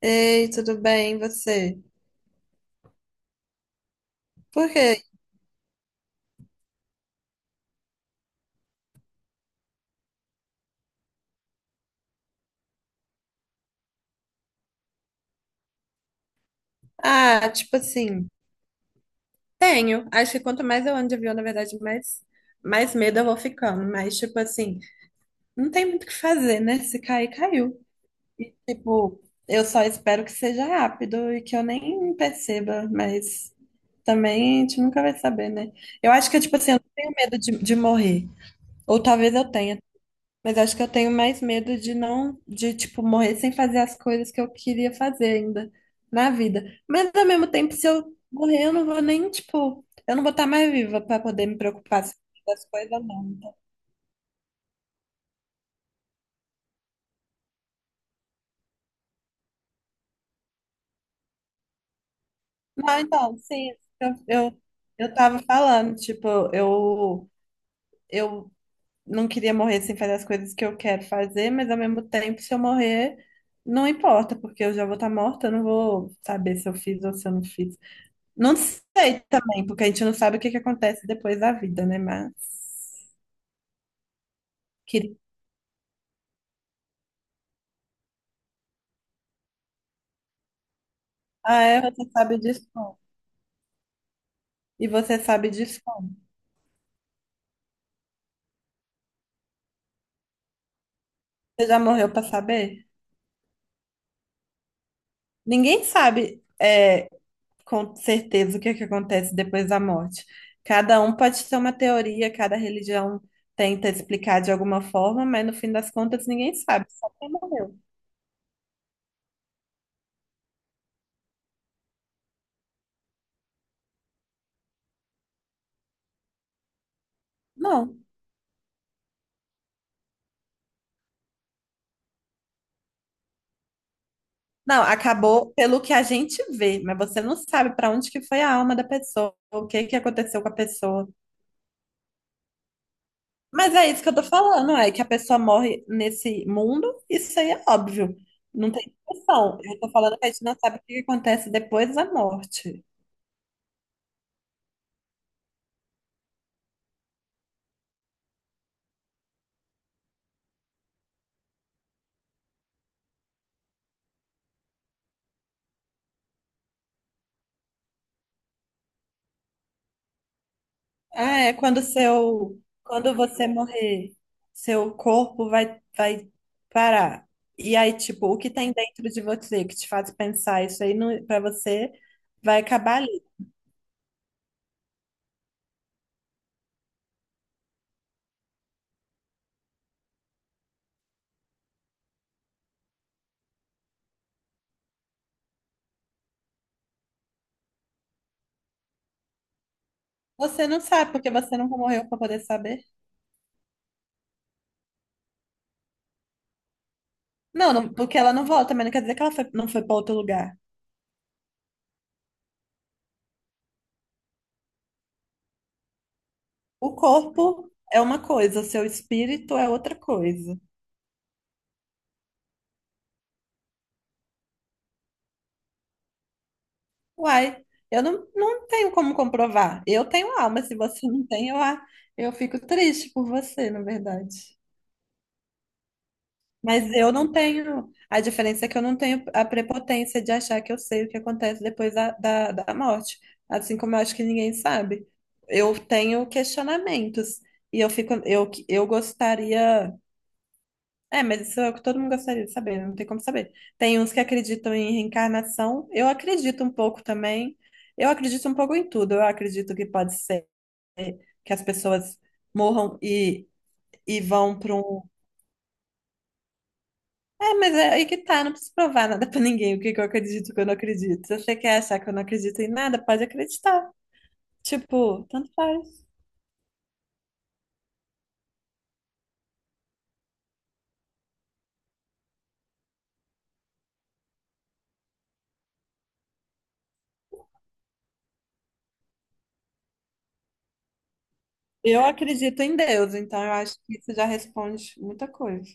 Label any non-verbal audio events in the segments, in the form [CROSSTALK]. Ei, tudo bem, e você? Por quê? Ah, tipo assim, tenho. Acho que quanto mais eu ando de avião, na verdade, mais medo eu vou ficando. Mas, tipo assim, não tem muito o que fazer, né? Se cair, caiu. E, tipo, eu só espero que seja rápido e que eu nem perceba, mas também a gente nunca vai saber, né? Eu acho que, tipo assim, eu não tenho medo de morrer. Ou talvez eu tenha. Mas acho que eu tenho mais medo de não, de tipo, morrer sem fazer as coisas que eu queria fazer ainda na vida. Mas ao mesmo tempo, se eu morrer, eu não vou nem, tipo, eu não vou estar mais viva para poder me preocupar se eu fiz as coisas, não. Então. Não, então, sim, eu, eu, eu tava falando, tipo, eu, eu não queria morrer sem fazer as coisas que eu quero fazer, mas ao mesmo tempo, se eu morrer, não importa, porque eu já vou estar morta, eu não vou saber se eu fiz ou se eu não fiz. Não sei também, porque a gente não sabe o que que acontece depois da vida, né? Mas queria. Ah, é, você sabe disso como? E você sabe disso como? Você já morreu pra saber? Ninguém sabe é, com certeza o que que acontece depois da morte. Cada um pode ter uma teoria, cada religião tenta explicar de alguma forma, mas no fim das contas ninguém sabe, só quem morreu. Não. Não, acabou pelo que a gente vê, mas você não sabe para onde que foi a alma da pessoa, o que que aconteceu com a pessoa. Mas é isso que eu tô falando, é que a pessoa morre nesse mundo, isso aí é óbvio. Não tem discussão. Eu tô falando que a gente não sabe o que acontece depois da morte. Ah, é quando seu, quando você morrer, seu corpo vai parar. E aí, tipo, o que tem dentro de você que te faz pensar isso aí não, pra você vai acabar ali. Você não sabe, porque você nunca morreu pra poder saber. Não, porque ela não volta, mas não quer dizer que ela foi, não foi pra outro lugar. O corpo é uma coisa, seu espírito é outra coisa. Uai, eu não tenho como comprovar. Eu tenho alma, se você não tem, eu, a, eu fico triste por você, na verdade. Mas eu não tenho. A diferença é que eu não tenho a prepotência de achar que eu sei o que acontece depois da morte. Assim como eu acho que ninguém sabe. Eu tenho questionamentos. E eu fico, eu gostaria. É, mas isso é o que todo mundo gostaria de saber, não tem como saber. Tem uns que acreditam em reencarnação, eu acredito um pouco também. Eu acredito um pouco em tudo. Eu acredito que pode ser que as pessoas morram e vão para um. É, mas é aí que tá, não preciso provar nada para ninguém o que que eu acredito e o que eu não acredito. Se você quer achar que eu não acredito em nada, pode acreditar. Tipo, tanto faz. Eu acredito em Deus, então eu acho que isso já responde muita coisa.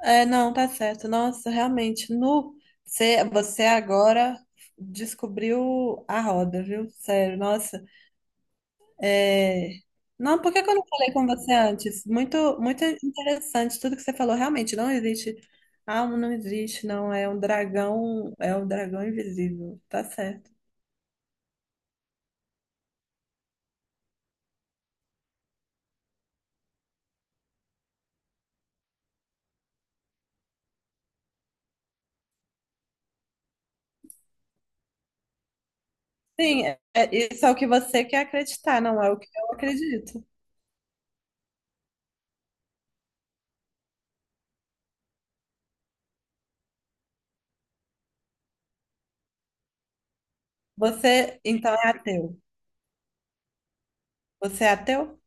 É, não, tá certo. Nossa, realmente, nu, você agora descobriu a roda, viu? Sério, nossa. É. Não, por que que eu não falei com você antes? Muito interessante tudo que você falou. Realmente, não existe. Ah, não existe, não. É um dragão invisível. Tá certo. Sim, é, é isso é o que você quer acreditar, não é o que eu acredito. Você, então, é ateu. Você é ateu?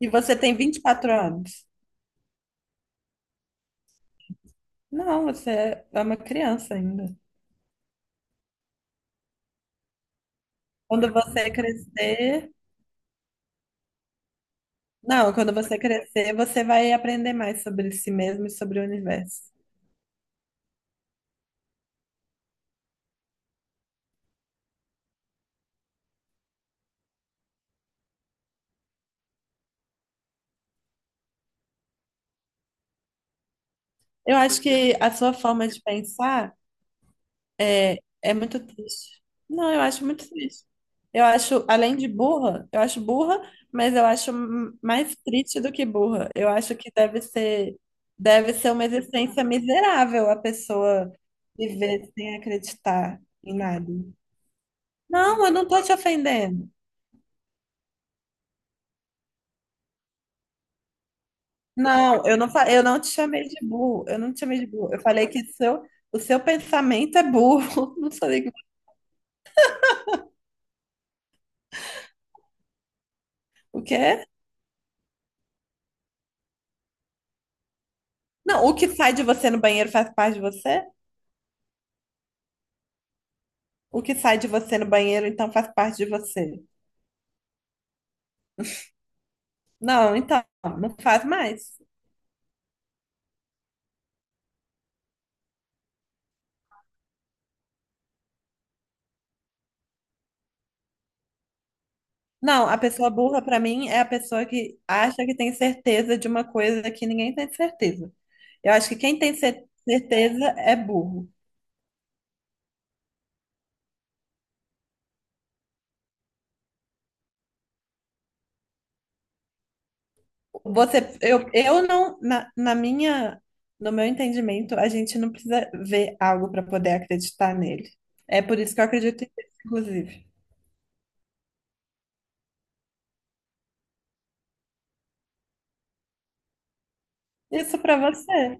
E você tem 24 anos. Não, você é uma criança ainda. Quando você crescer, não, quando você crescer, você vai aprender mais sobre si mesmo e sobre o universo. Eu acho que a sua forma de pensar é é muito triste. Não, eu acho muito triste. Eu acho, além de burra, eu acho burra, mas eu acho m, mais triste do que burra. Eu acho que deve ser uma existência miserável a pessoa viver sem acreditar em nada. Não, eu não tô te ofendendo. Não, eu não, fa, eu não te chamei de burro. Eu não te chamei de burro. Eu falei que o seu pensamento é burro. [LAUGHS] Não falei que o que é? Não, o que sai de você no banheiro faz parte de você? O que sai de você no banheiro, então faz parte de você. Não, então, não faz mais. Não, a pessoa burra, pra mim, é a pessoa que acha que tem certeza de uma coisa que ninguém tem certeza. Eu acho que quem tem cer, certeza é burro. Você, eu não, na minha, no meu entendimento, a gente não precisa ver algo para poder acreditar nele. É por isso que eu acredito em Deus, inclusive. Isso pra você.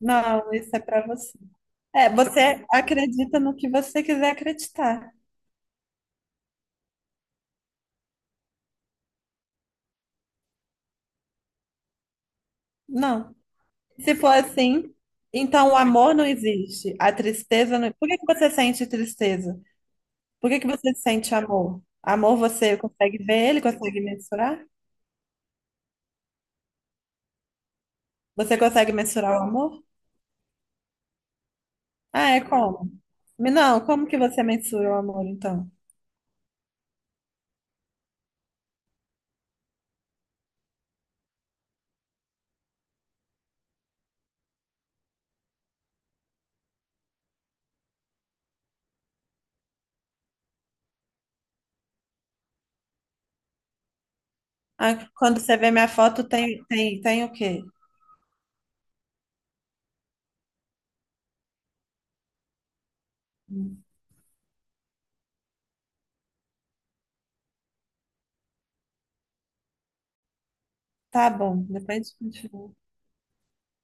Não, isso é pra você. É, você acredita no que você quiser acreditar. Não. Se for assim, então o amor não existe. A tristeza não. Por que que você sente tristeza? Por que que você sente amor? Amor você consegue ver ele, consegue mensurar? Você consegue mensurar o amor? Ah, é como? Me, não, como que você mensura o amor, então? Ah, quando você vê minha foto, tem o quê? Tá bom, depois a gente continua.